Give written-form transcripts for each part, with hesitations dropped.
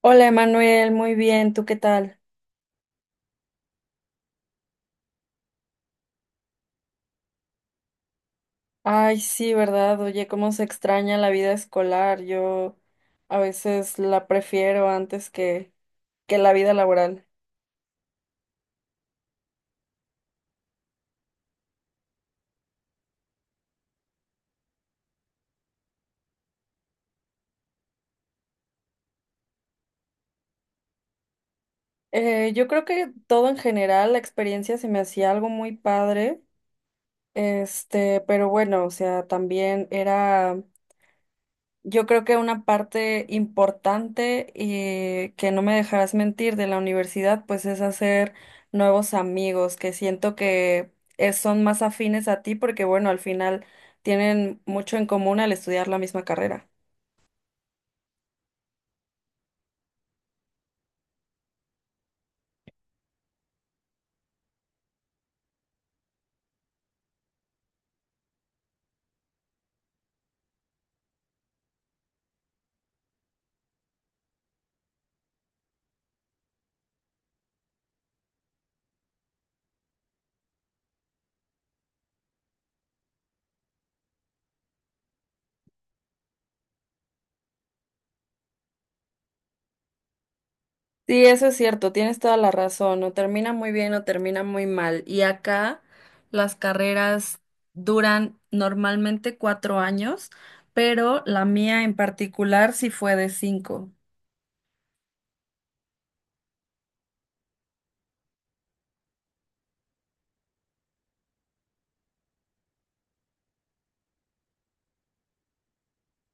Hola Emanuel, muy bien, ¿tú qué tal? Ay, sí, ¿verdad? Oye, cómo se extraña la vida escolar. Yo a veces la prefiero antes que la vida laboral. Yo creo que todo en general, la experiencia se me hacía algo muy padre, este, pero bueno, o sea, también era. Yo creo que una parte importante y que no me dejarás mentir de la universidad, pues es hacer nuevos amigos que siento que son más afines a ti porque bueno, al final tienen mucho en común al estudiar la misma carrera. Sí, eso es cierto, tienes toda la razón, o termina muy bien o termina muy mal. Y acá las carreras duran normalmente 4 años, pero la mía en particular sí fue de cinco.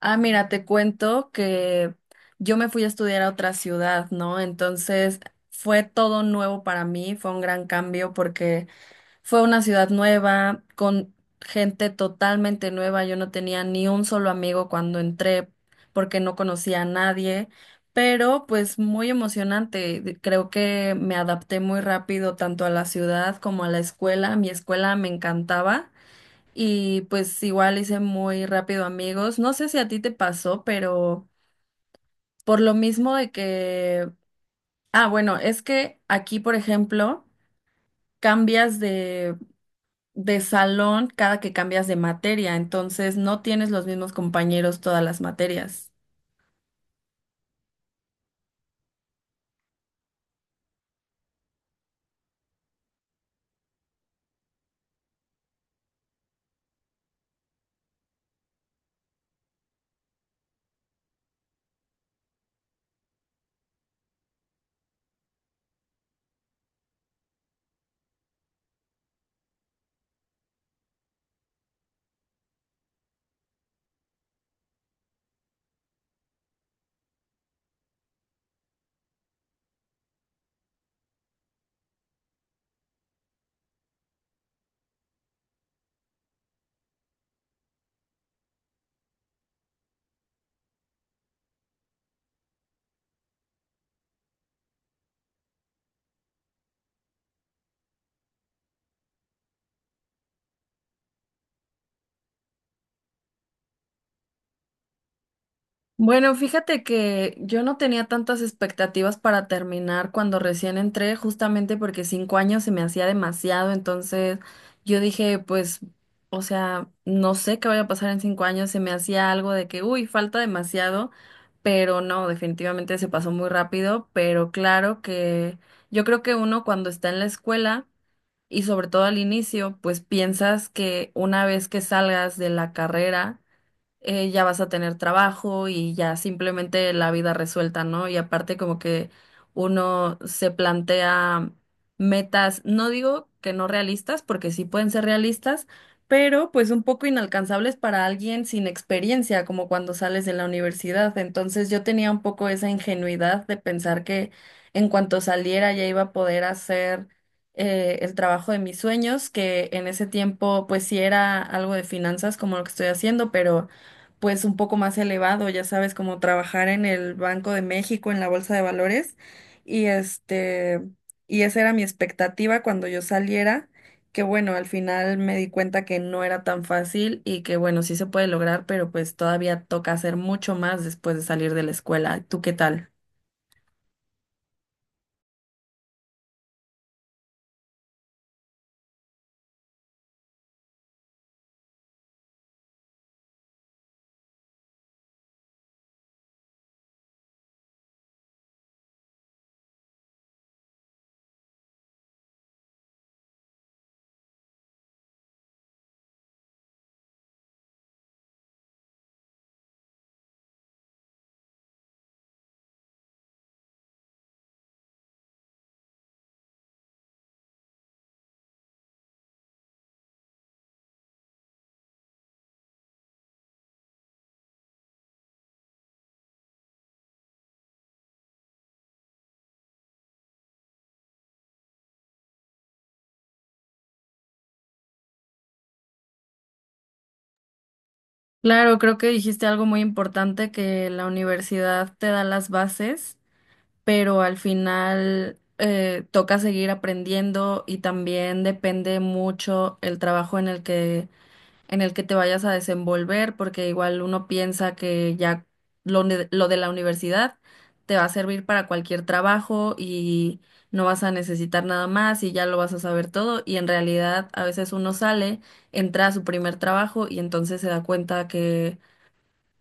Ah, mira, te cuento que yo me fui a estudiar a otra ciudad, ¿no? Entonces fue todo nuevo para mí, fue un gran cambio porque fue una ciudad nueva, con gente totalmente nueva. Yo no tenía ni un solo amigo cuando entré porque no conocía a nadie, pero pues muy emocionante. Creo que me adapté muy rápido tanto a la ciudad como a la escuela. Mi escuela me encantaba y pues igual hice muy rápido amigos. No sé si a ti te pasó, pero por lo mismo de que, bueno, es que aquí, por ejemplo, cambias de salón cada que cambias de materia, entonces no tienes los mismos compañeros todas las materias. Bueno, fíjate que yo no tenía tantas expectativas para terminar cuando recién entré, justamente porque cinco años se me hacía demasiado, entonces yo dije, pues, o sea, no sé qué vaya a pasar en 5 años, se me hacía algo de que, uy, falta demasiado, pero no, definitivamente se pasó muy rápido, pero claro que yo creo que uno cuando está en la escuela y sobre todo al inicio, pues piensas que una vez que salgas de la carrera, ya vas a tener trabajo y ya simplemente la vida resuelta, ¿no? Y aparte como que uno se plantea metas, no digo que no realistas, porque sí pueden ser realistas, pero pues un poco inalcanzables para alguien sin experiencia, como cuando sales de la universidad. Entonces yo tenía un poco esa ingenuidad de pensar que en cuanto saliera ya iba a poder hacer el trabajo de mis sueños, que en ese tiempo pues sí era algo de finanzas como lo que estoy haciendo, pero pues un poco más elevado, ya sabes, como trabajar en el Banco de México, en la Bolsa de Valores, y este, y esa era mi expectativa cuando yo saliera, que bueno, al final me di cuenta que no era tan fácil y que bueno, sí se puede lograr, pero pues todavía toca hacer mucho más después de salir de la escuela. ¿Tú qué tal? Claro, creo que dijiste algo muy importante, que la universidad te da las bases, pero al final toca seguir aprendiendo y también depende mucho el trabajo en el que te vayas a desenvolver, porque igual uno piensa que ya lo de la universidad te va a servir para cualquier trabajo y no vas a necesitar nada más y ya lo vas a saber todo, y en realidad a veces uno sale, entra a su primer trabajo y entonces se da cuenta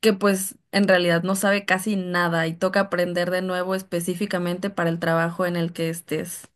que pues en realidad no sabe casi nada y toca aprender de nuevo específicamente para el trabajo en el que estés.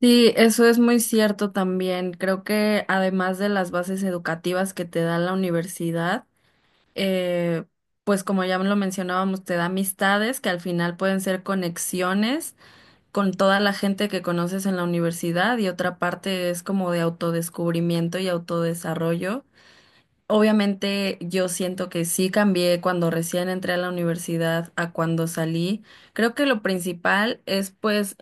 Sí, eso es muy cierto también. Creo que además de las bases educativas que te da la universidad, eh, pues como ya lo mencionábamos, te da amistades que al final pueden ser conexiones con toda la gente que conoces en la universidad, y otra parte es como de autodescubrimiento y autodesarrollo. Obviamente yo siento que sí cambié cuando recién entré a la universidad a cuando salí. Creo que lo principal es pues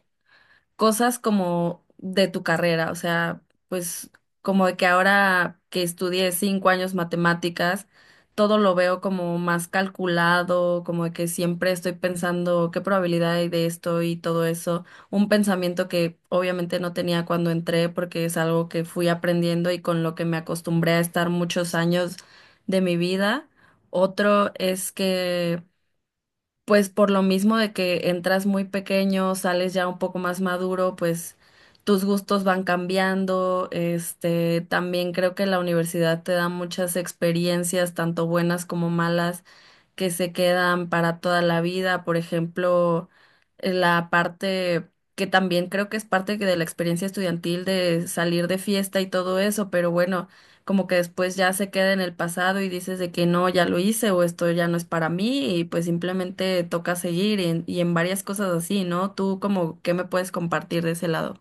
cosas como de tu carrera, o sea, pues como de que ahora que estudié 5 años matemáticas, todo lo veo como más calculado, como de que siempre estoy pensando qué probabilidad hay de esto y todo eso, un pensamiento que obviamente no tenía cuando entré porque es algo que fui aprendiendo y con lo que me acostumbré a estar muchos años de mi vida. Otro es que pues por lo mismo de que entras muy pequeño, sales ya un poco más maduro, pues tus gustos van cambiando. Este, también creo que la universidad te da muchas experiencias, tanto buenas como malas, que se quedan para toda la vida, por ejemplo, la parte que también creo que es parte que de la experiencia estudiantil de salir de fiesta y todo eso, pero bueno, como que después ya se queda en el pasado y dices de que no, ya lo hice o esto ya no es para mí y pues simplemente toca seguir, y en varias cosas así, ¿no? Tú como, ¿qué me puedes compartir de ese lado?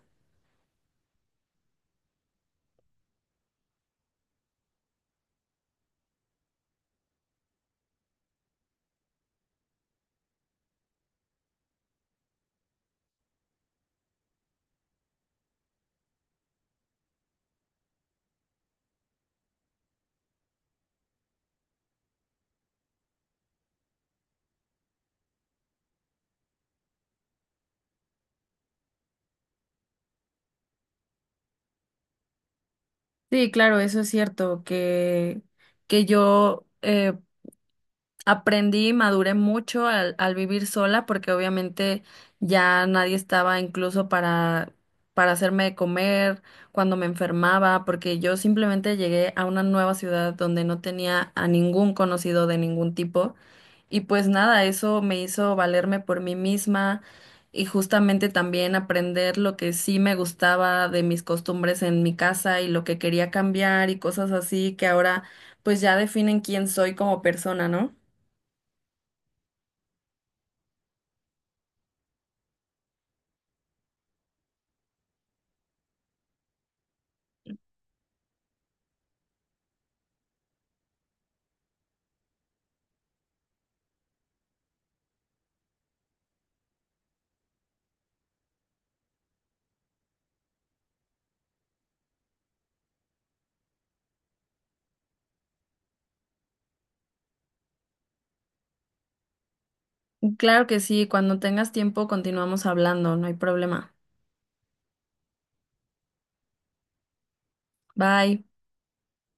Sí, claro, eso es cierto, que yo aprendí y maduré mucho al vivir sola porque obviamente ya nadie estaba incluso para hacerme de comer cuando me enfermaba, porque yo simplemente llegué a una nueva ciudad donde no tenía a ningún conocido de ningún tipo. Y pues nada, eso me hizo valerme por mí misma y justamente también aprender lo que sí me gustaba de mis costumbres en mi casa y lo que quería cambiar y cosas así que ahora pues ya definen quién soy como persona, ¿no? Claro que sí, cuando tengas tiempo continuamos hablando, no hay problema. Bye.